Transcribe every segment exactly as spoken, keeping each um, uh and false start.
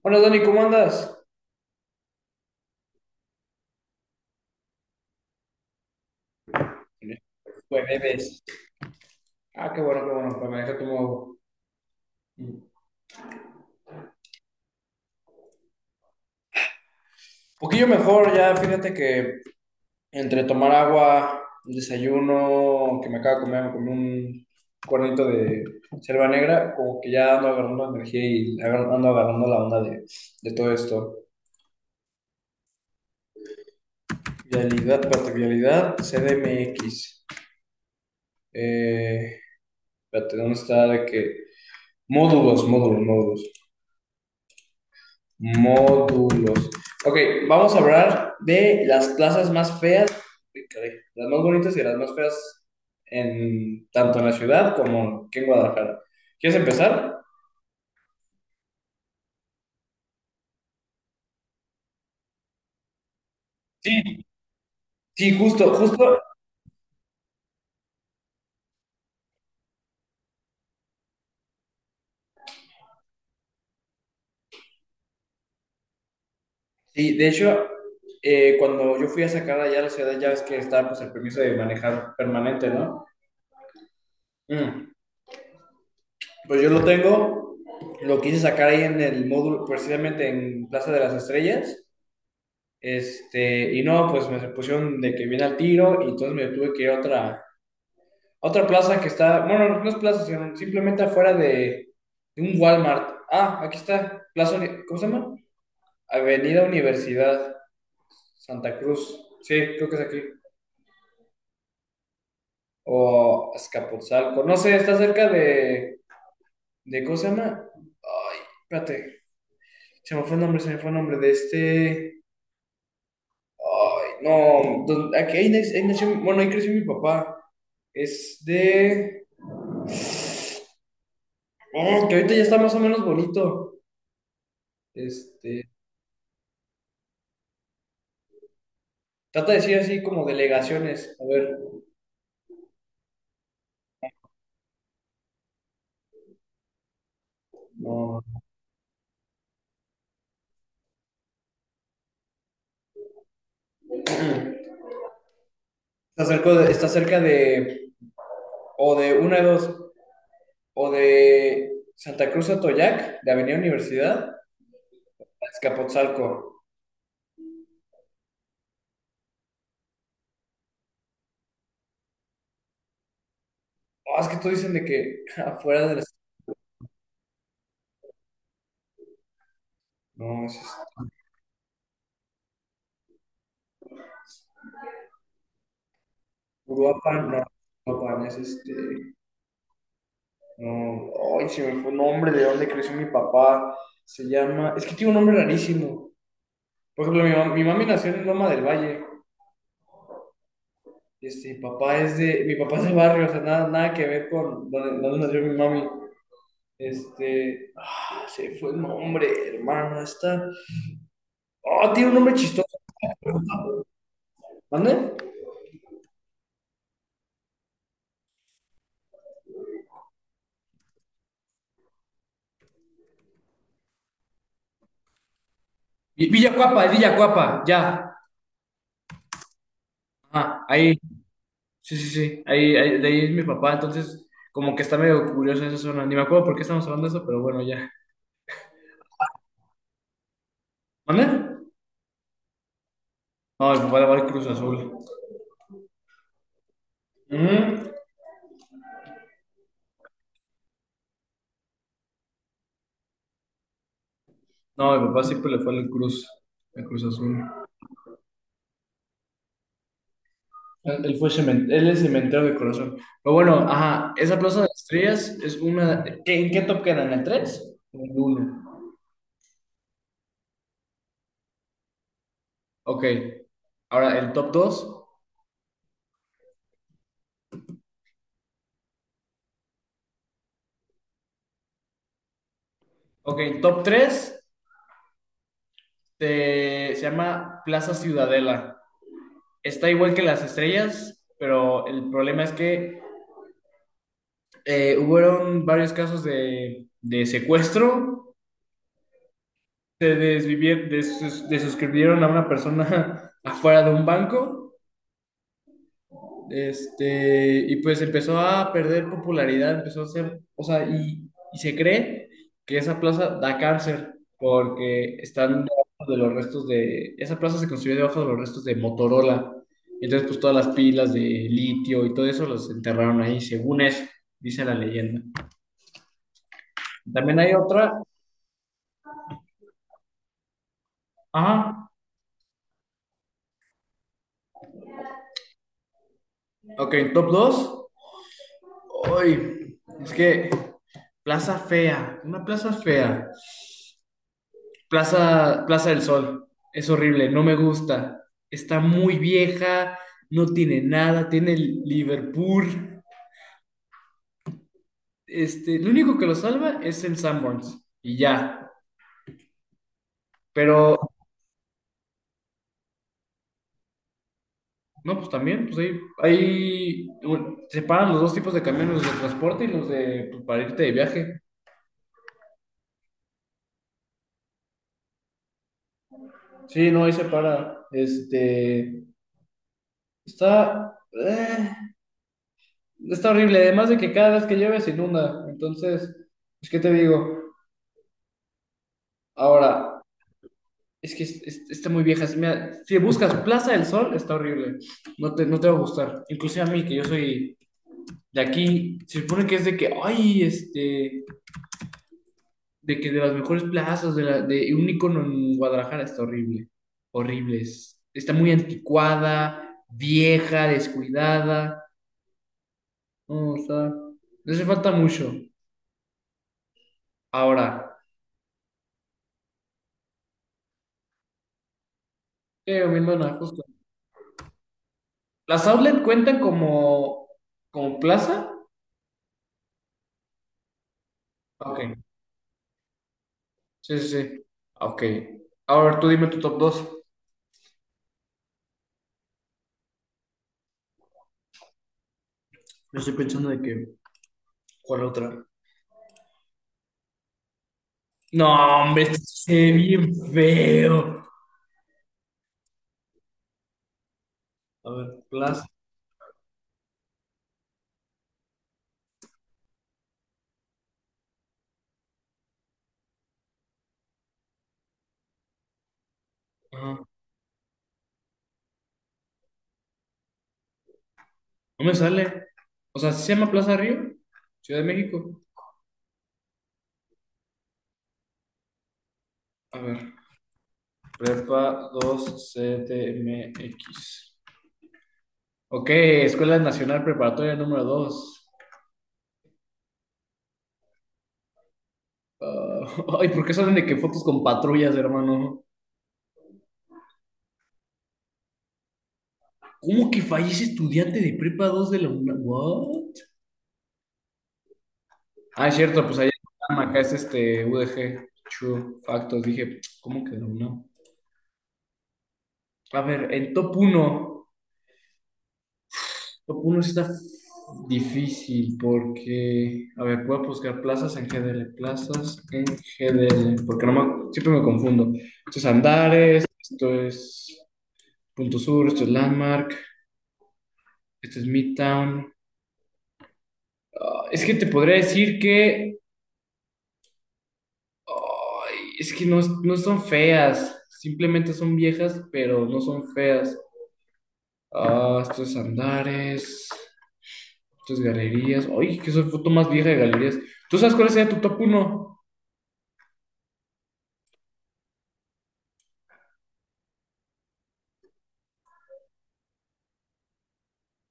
Hola Dani, ¿cómo andas? Jueves. Ah, qué bueno, qué bueno, pues me deja como un poquillo mejor ya, fíjate que entre tomar agua, un desayuno, que me acabo de comer, me comí un cuernito de selva negra, como que ya ando agarrando energía y agar- ando agarrando la onda de, de todo esto. Vialidad, parte vialidad, C D M X. Eh, espérate, ¿dónde está? De que módulos, módulos, módulos. Módulos. Ok, vamos a hablar de las plazas más feas, las más bonitas y las más feas, en, tanto en la ciudad como aquí en Guadalajara. ¿Quieres empezar? Sí, sí, justo, justo. Sí, de hecho, eh, cuando yo fui a sacar allá a la ciudad, ya ves que está pues, el permiso de manejar permanente, ¿no? Mm, pues yo lo tengo, lo quise sacar ahí en el módulo, precisamente en Plaza de las Estrellas. Este, y no, pues me pusieron de que viene al tiro y entonces me tuve que ir a otra, otra plaza que está, bueno, no no es plaza, sino simplemente afuera de, de un Walmart. Ah, aquí está, plaza, Uni- ¿cómo se llama? Avenida Universidad Santa Cruz. Sí, creo que es aquí. O Azcapotzalco. No sé, está cerca de, de ¿cómo se llama? Ay, espérate, se me fue el nombre, se me fue el nombre de este. Ay, no, don- aquí ahí, nac- ahí nació, mi- bueno, ahí creció mi papá. Es de. Oh, que ahorita ya está más o menos bonito. Este, trata de decir así como delegaciones. A ver, no. Está cerca de, está cerca de, o de una de dos, o de Santa Cruz Atoyac, de Avenida Universidad, a Azcapotzalco. Oh, es que todos dicen de que afuera de la. No, es este, Uruapan, no, Uruapan, es este. No, ay, se me fue el nombre de dónde creció mi papá. Se llama, es que tiene un nombre rarísimo. Por ejemplo, mi, mam- mi mami nació en Loma del Valle. Este, mi papá es de, mi papá es de barrio, o sea, nada, nada que ver con donde, donde nació mi mami. Este, ah, se fue el nombre, hermano, está. Oh, tiene un nombre chistoso. ¿Mande? Vi- Villacuapa, es Villacuapa, ya. Ah, ahí, sí, sí, sí, ahí, ahí, de ahí es mi papá, entonces como que está medio curioso esa zona. Ni me acuerdo por qué estamos hablando de eso, pero bueno, ya. ¿Mande? No, mi papá le va al Cruz Azul. Ujú. No, mi papá siempre le fue al Cruz, al Cruz Azul. Él él fue cemen- él es cementero de corazón. Pero bueno, ajá, esa Plaza de Estrellas es una. ¿Qué- ¿En qué top quedan? ¿En la tres? En el uno. Ok. Ahora, el top dos. Ok, top tres. Este, se llama Plaza Ciudadela. Está igual que las estrellas, pero el problema es que eh, hubieron varios casos de, de secuestro, se desvivieron, des- desuscribieron a una persona afuera de un banco, este, y pues empezó a perder popularidad, empezó a ser, o sea, y, y se cree que esa plaza da cáncer porque están debajo de los restos de, esa plaza se construyó debajo de los restos de Motorola, entonces pues todas las pilas de litio y todo eso los enterraron ahí, según eso, dice la leyenda. También hay otra, ajá, ok, top dos, hoy es que Plaza fea, una plaza fea. Plaza, Plaza del Sol. Es horrible, no me gusta. Está muy vieja, no tiene nada, tiene el Liverpool. Este, lo único que lo salva es el Sanborns y ya. Pero, no, pues también, pues ahí, ahí bueno, separan los dos tipos de camiones, los de transporte y los de pues, para irte de viaje. Sí, no, ahí separa. Este, está. eh, Está horrible, además de que cada vez que llueve se inunda. Entonces, pues, ¿qué te digo? Ahora, es que es- es- está muy vieja. Si, mira, si buscas Plaza del Sol, está horrible. No te, no te va a gustar. Inclusive a mí, que yo soy de aquí, se supone que es de que, ay, este, de que de las mejores plazas, de, la- de un icono en Guadalajara, está horrible. Horrible. Es- está muy anticuada, vieja, descuidada. No, o sea, le hace falta mucho. Ahora, eh, mi hermana, justo. ¿Las outlet cuentan como, como plaza? Ok, sí, sí, sí. Ok. Ahora tú dime tu top dos. Yo estoy pensando de que, ¿cuál otra? No, hombre, esto se ve bien feo. A ver, Plaza. Ajá. No me sale. O sea, ¿sí se llama Plaza Río? Ciudad de México. A ver. Prepa dos X. Ok, Escuela Nacional Preparatoria número dos. Ah, ay, ¿por qué salen de que fotos con patrullas, hermano? ¿Cómo que fallece estudiante de prepa dos de la UNAM? ¿What? Ah, es cierto, pues allá en Tama, acá es este U D G, True Factos. Dije, ¿cómo que de la UNAM? A ver, el top uno, top uno está difícil porque, a ver, voy a buscar plazas en G D L, plazas en G D L, porque no me- siempre me confundo. Esto es Andares, esto es Punto Sur, esto es Landmark, esto es Midtown. Ah, es que te podría decir que es que no, no son feas, simplemente son viejas, pero no son feas. Ah, estos andares, estas galerías. Ay, que soy foto más vieja de galerías. ¿Tú sabes cuál sería tu top uno?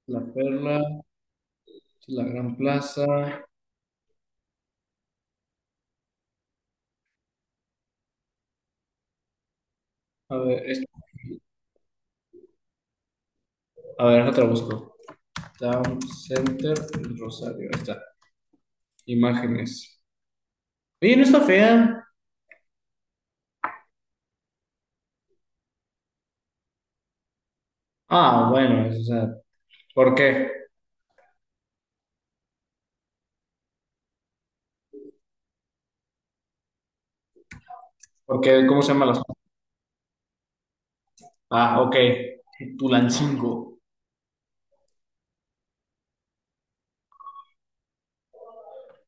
La Perla, la Gran Plaza. A ver, esta- a ver, otra busco. Town Center, el Rosario. Ahí está. Imágenes. Oye, no está fea. Ah, bueno, o sea, ¿por qué? Porque, ¿cómo se llama las? Ah, ok. Tulancingo.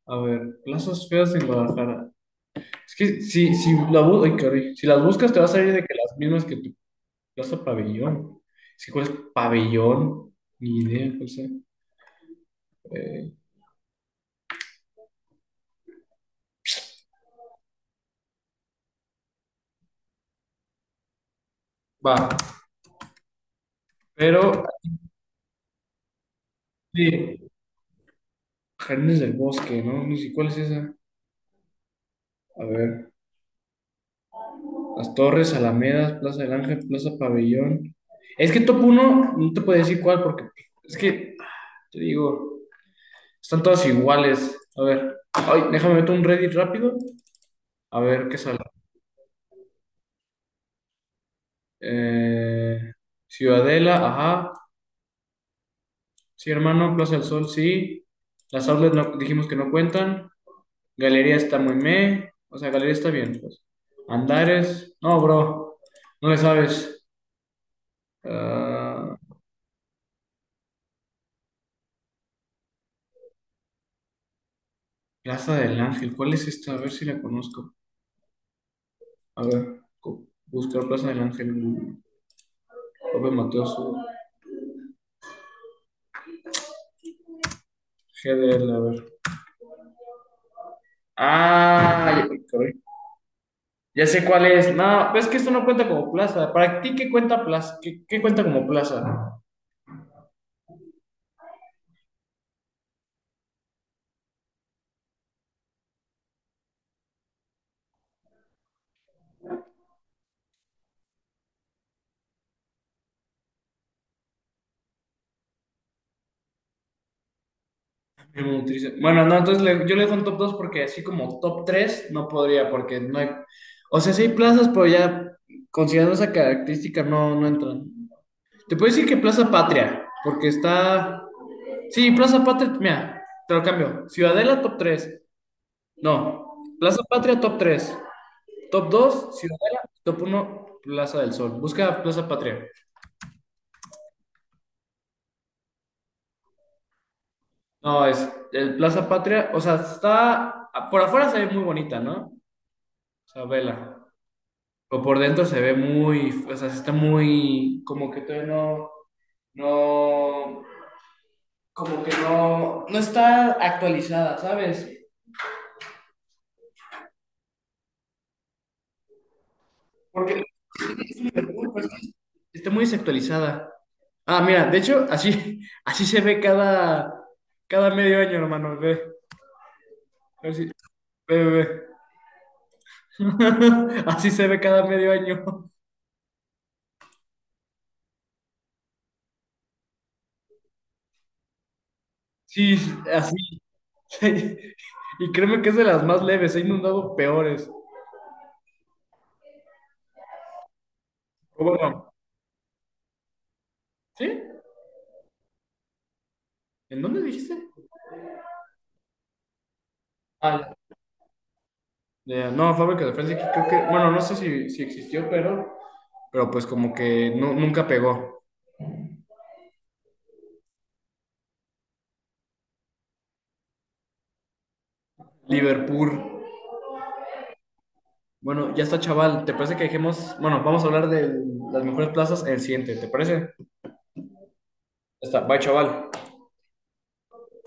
A ver, plazas feas en Guadalajara. Es que si, si, la, bu- ay, caray. si las buscas te va a salir de que las mismas que tu plaza pabellón. Es que cuál es pabellón, ni idea, no sé. Eh, va, pero sí, Jardines del Bosque, ¿no? Ni si cuál es esa. A ver, Las Torres, Alamedas, Plaza del Ángel, Plaza Pabellón. Es que top uno no te puedo decir cuál porque es que, te digo, están todas iguales. A ver, ay, déjame meter un Reddit rápido. A ver qué sale. Eh, Ciudadela, ajá. Sí, hermano. Plaza del Sol, sí. Las outlets no, dijimos que no cuentan. Galería está muy meh. O sea, Galería está bien, pues. Andares. No, bro. No le sabes. Ah, Plaza del Ángel. ¿Cuál es esta? A ver si la conozco. A ver. co- Buscar Plaza del Ángel. López Mateos. G D L, a ver. Ah, ya sé cuál es. No, pues es que esto no cuenta como plaza. ¿Para ti qué cuenta plaza? ¿Qué, qué cuenta como plaza? Nutrición. Bueno, no, entonces le- yo le dejo un top dos porque así como top tres no podría, porque no hay. O sea, sí hay plazas, pero ya considerando esa característica no, no entran. Te puedo decir que Plaza Patria, porque está. Sí, Plaza Patria, mira, te lo cambio. Ciudadela top tres. No, Plaza Patria top tres. Top dos, Ciudadela, top uno, Plaza del Sol. Busca Plaza Patria. No, es el Plaza Patria, o sea, está, por afuera se ve muy bonita, ¿no? O sea, vela. Pero por dentro se ve muy, o sea, está muy, como que todavía no, no, como que no, no está actualizada, ¿sabes? Porque Liverpool, pues, está muy desactualizada. Ah, mira, de hecho, así, así se ve cada, cada medio año, hermano, ve, a ver si- ve, ve, ve. Así se ve cada medio año. Sí, así. Sí. Y créeme que es de las más leves, he inundado peores. O bueno, ¿sí? ¿En dónde dijiste? Ah, ya. No, fábrica de Francia, que creo que, bueno, no sé si, si existió, pero, pero pues como que no, nunca pegó. Liverpool. Bueno, ya está, chaval. ¿Te parece que dejemos? Bueno, vamos a hablar de las mejores plazas en el siguiente, ¿te parece? Ya está, bye, chaval.